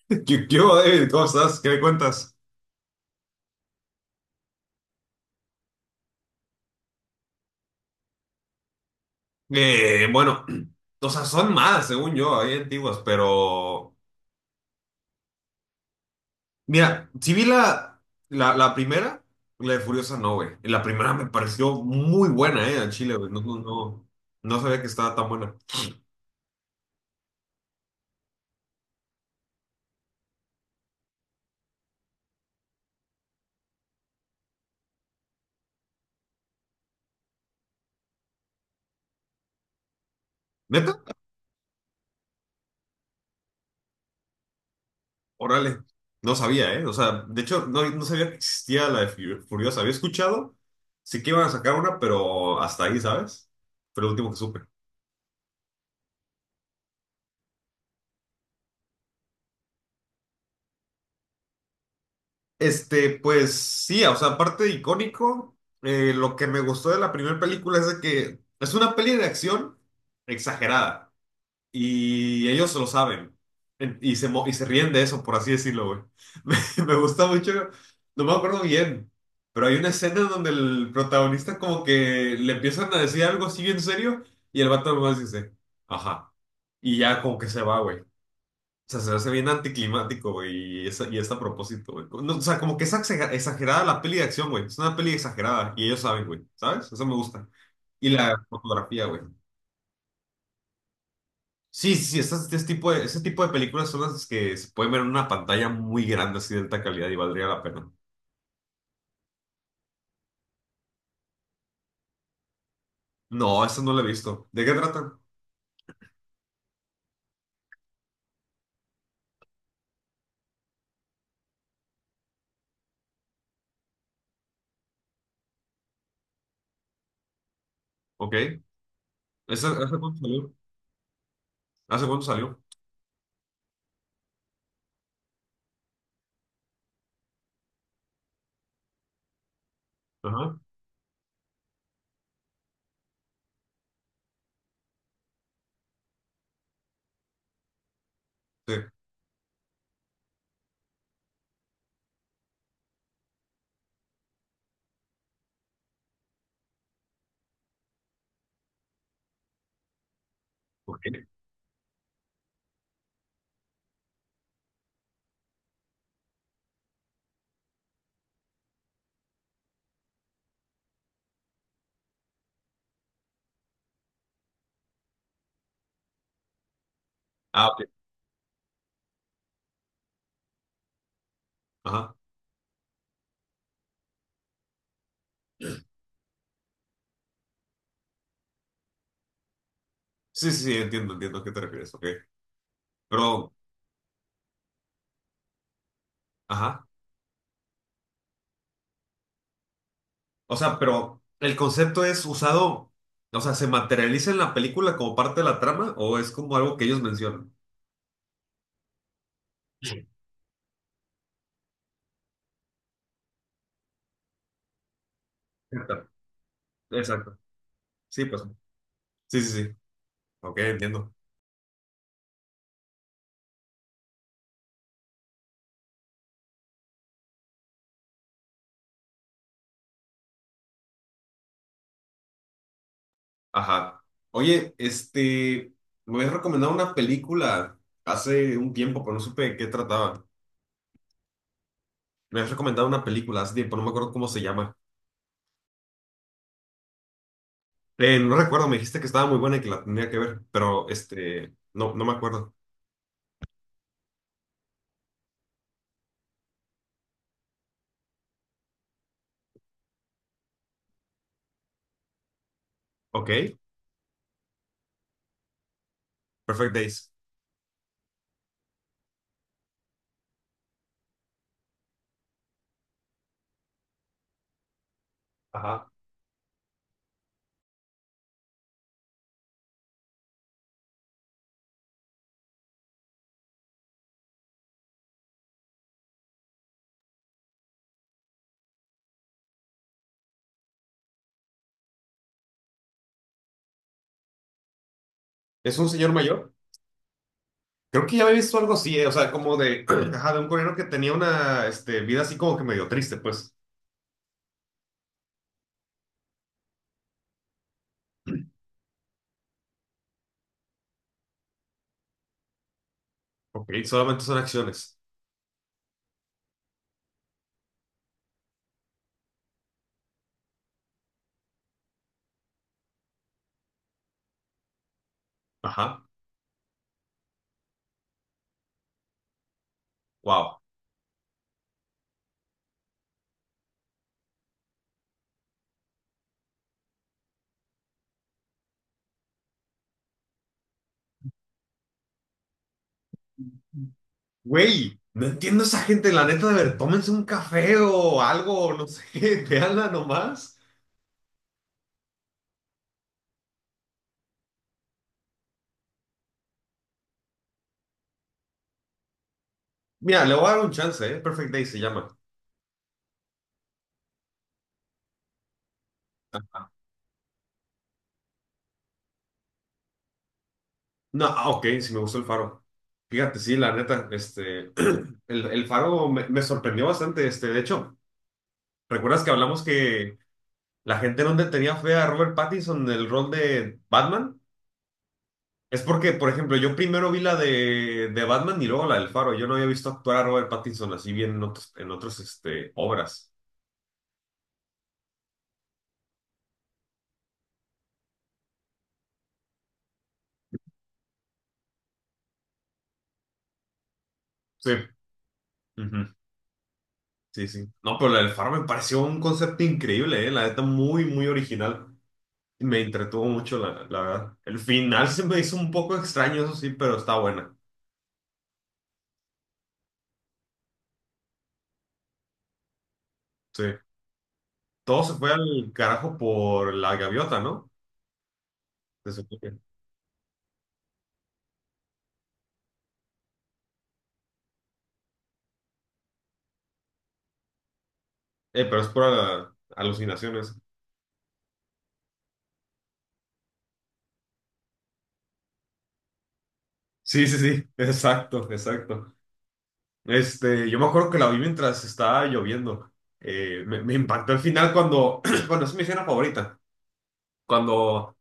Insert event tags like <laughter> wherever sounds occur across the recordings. <laughs> ¿Qué hubo, David? ¿Cómo estás? ¿Qué me cuentas? Bueno, <clears throat> o sea, son más, según yo, hay antiguas, pero... Mira, si vi la primera, la de Furiosa no, güey. La primera me pareció muy buena, al Chile, güey. No, no, sabía que estaba tan buena. ¿Neta? Órale. No sabía, eh. O sea, de hecho, no sabía que existía la de Furiosa. Había escuchado, sí que iban a sacar una, pero hasta ahí, ¿sabes? Fue lo último que supe. Pues sí, o sea, aparte de icónico, lo que me gustó de la primera película es de que es una peli de acción exagerada y ellos lo saben y se ríen de eso, por así decirlo, güey. <laughs> Me gusta mucho, no me acuerdo bien, pero hay una escena donde el protagonista como que le empiezan a decir algo así bien serio y el vato nomás dice, ajá, y ya como que se va, güey. O sea, se me hace bien anticlimático, güey, y es a propósito, güey. No, o sea, como que es exagerada la peli de acción, güey. Es una peli exagerada y ellos saben, güey, ¿sabes? Eso me gusta. Y la fotografía, güey. Sí, sí, sí, este tipo de, ese tipo de películas son las que se pueden ver en una pantalla muy grande, así de alta calidad y valdría la pena. No, esa no la he visto. ¿De qué tratan? Ok. ¿Esa, hace cuánto salió? ¿Hace cuánto salió? Ajá. Sí. Ok. Ah, ok. Ajá. Sí, sí, sí, entiendo, entiendo a qué te refieres. Ok. Pero, ajá. O sea, pero el concepto es usado, o sea, ¿se materializa en la película como parte de la trama o es como algo que ellos mencionan? Sí. Exacto. Exacto. Sí, pues. Sí, sí, sí. Ok, entiendo. Ajá. Oye, me habías recomendado una película hace un tiempo, pero no supe de qué trataba. Me habías recomendado una película hace tiempo, no me acuerdo cómo se llama. No recuerdo, me dijiste que estaba muy buena y que la tenía que ver, pero no me acuerdo. Ok, Perfect Days. Ajá. ¿Es un señor mayor? Creo que ya había visto algo así, o sea, como de, <clears throat> ajá, de un coreano que tenía una, vida así como que medio triste, pues. Ok, solamente son acciones. Ajá, wow. Güey, no entiendo esa gente, la neta, de ver, tómense un café o algo, no sé, <laughs> veanla nomás. Mira, le voy a dar un chance, ¿eh? Perfect Day se llama. No, ah, ok, sí me gustó el faro. Fíjate, sí, la neta, <clears throat> el faro me sorprendió bastante, de hecho, ¿recuerdas que hablamos que la gente no le tenía fe a Robert Pattinson en el rol de Batman? Es porque, por ejemplo, yo primero vi la de Batman y luego la del Faro. Yo no había visto actuar a Robert Pattinson así bien en otros, en otras obras. Sí. Ujú. Sí, sí. No, pero la del Faro me pareció un concepto increíble, ¿eh? La neta, muy original. Me entretuvo mucho, la verdad. El final se me hizo un poco extraño, eso sí, pero está buena. Sí. Todo se fue al carajo por la gaviota, ¿no? Se supone. Pero es por alucinaciones. Sí, sí, sí, exacto, exacto. Este, yo me acuerdo que la vi mientras estaba lloviendo. Me impactó el final cuando, <clears throat> bueno, es mi escena favorita, cuando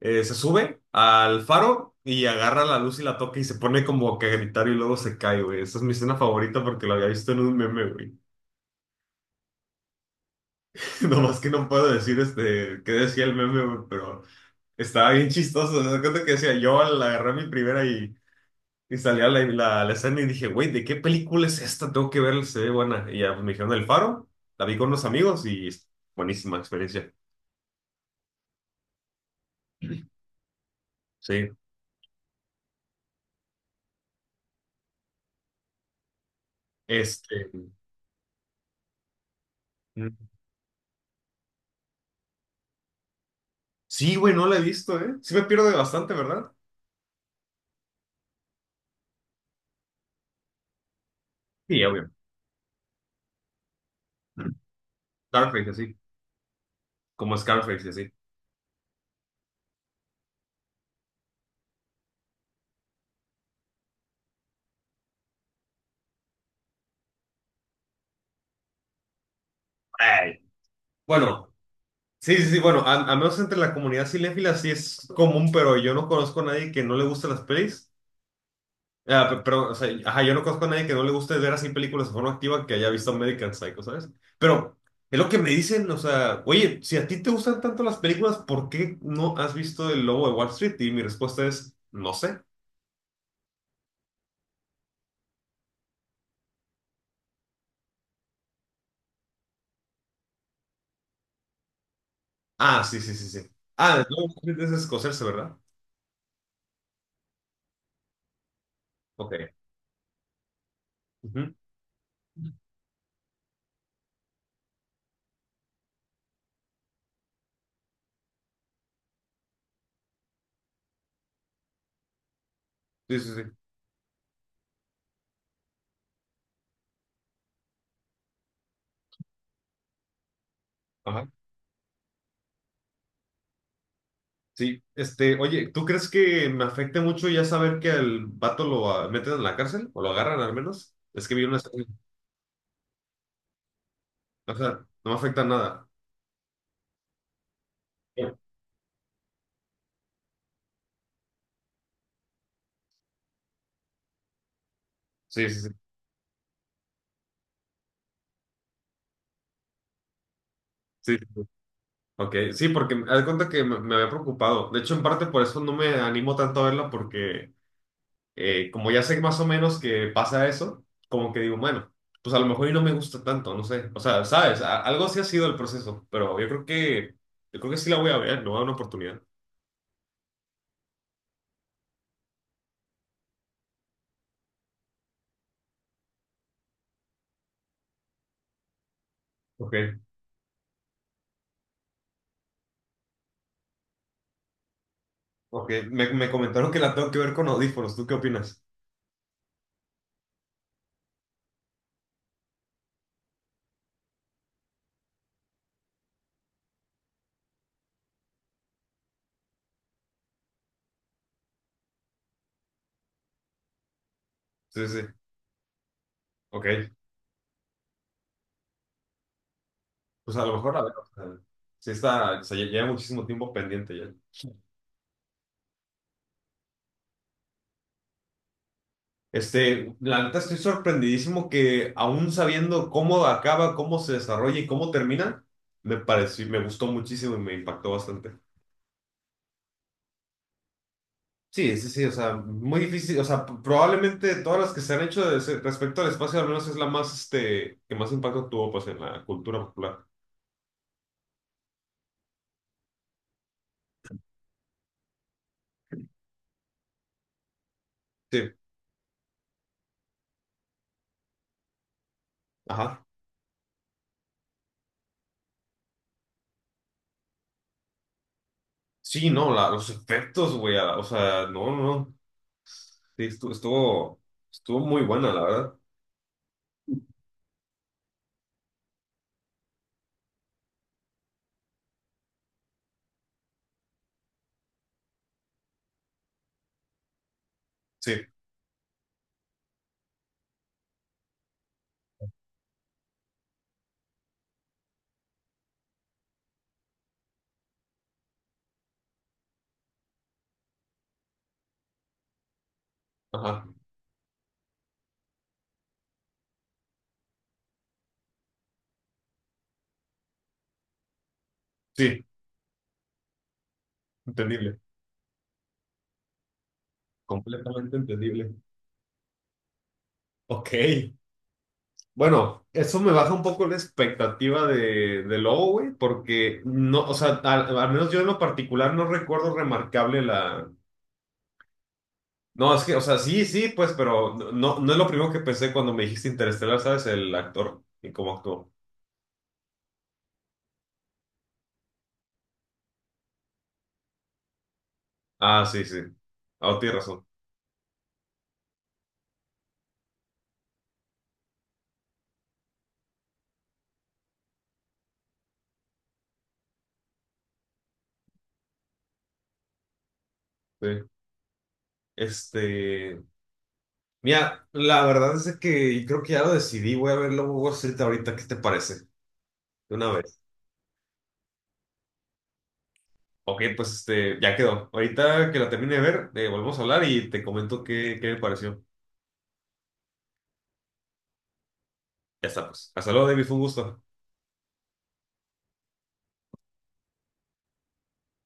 se sube al faro y agarra la luz y la toca y se pone como que a gritar y luego se cae, güey. Esa es mi escena favorita porque la había visto en un meme, güey. <laughs> No más que no puedo decir qué decía el meme, güey, pero estaba bien chistoso. Me cuenta que decía, yo al agarrar mi primera y... Y salía la escena y dije, güey, ¿de qué película es esta? Tengo que verla, se ve buena. Y ya pues, me dijeron El Faro, la vi con unos amigos y es buenísima experiencia. Sí. Este. Mm. Sí, güey, no la he visto, ¿eh? Sí me pierdo de bastante, ¿verdad? Sí, obvio. Mm. Scarface, así. Como Scarface, así. Ay. Bueno, sí, sí, sí, bueno, al menos entre la comunidad cinéfila sí es común, pero yo no conozco a nadie que no le guste las pelis. Ah, pero, o sea, ajá, yo no conozco a nadie que no le guste ver así películas de forma activa que haya visto American Psycho, ¿sabes? Pero es lo que me dicen, o sea, oye, si a ti te gustan tanto las películas, ¿por qué no has visto El Lobo de Wall Street? Y mi respuesta es, no sé. Ah, sí, sí, sí, sí. Ah, El Lobo de Wall Street es escocerse, ¿verdad? Ok. Ujú. Sí, sí, sí. Ajá. Sí, oye, ¿tú crees que me afecte mucho ya saber que al vato lo meten en la cárcel o lo agarran al menos? Es que vi una... serie. O sea, no me afecta nada. Sí, sí, sí. Sí, sí, sí. Ok, sí, porque haz de cuenta que me había preocupado. De hecho, en parte por eso no me animo tanto a verla, porque como ya sé más o menos que pasa eso, como que digo, bueno, pues a lo mejor y no me gusta tanto, no sé. O sea, sabes, algo sí ha sido el proceso, pero yo creo que sí la voy a ver, no voy a dar una oportunidad. Ok, ok. Me comentaron que la tengo que ver con audífonos. ¿Tú qué opinas? Sí, sí, ok. Pues a lo mejor la veo. O sea, sí está, o sea, lleva muchísimo tiempo pendiente ya. Este, la neta estoy sorprendidísimo que aún sabiendo cómo acaba, cómo se desarrolla y cómo termina, me gustó muchísimo y me impactó bastante. Sí, sí, sí, o sea, muy difícil, o sea, probablemente de todas las que se han hecho de respecto al espacio, al menos es la más, que más impacto tuvo, pues, en la cultura popular. Sí, ajá. Sí, no, los efectos, güey, o sea, no, no, sí, estuvo, estuvo muy buena, la verdad. Sí, ajá, sí, entendible, completamente entendible. Ok. Bueno, eso me baja un poco la expectativa de Lobo, güey, porque no, o sea, al menos yo en lo particular no recuerdo remarcable la. No, es que, o sea, sí, sí, pues, pero no no es lo primero que pensé cuando me dijiste Interestelar, ¿sabes? El actor y cómo actuó. Ah, sí, sí. Ah, oh, tienes razón. Sí. Este. Mira, la verdad es que creo que ya lo decidí. Voy a ver Lobo Wall Street ahorita. ¿Qué te parece? De una vez. Ok, pues este, ya quedó. Ahorita que la termine de ver, volvemos a hablar y te comento qué me pareció. Ya está, pues. Hasta luego, David, fue un gusto.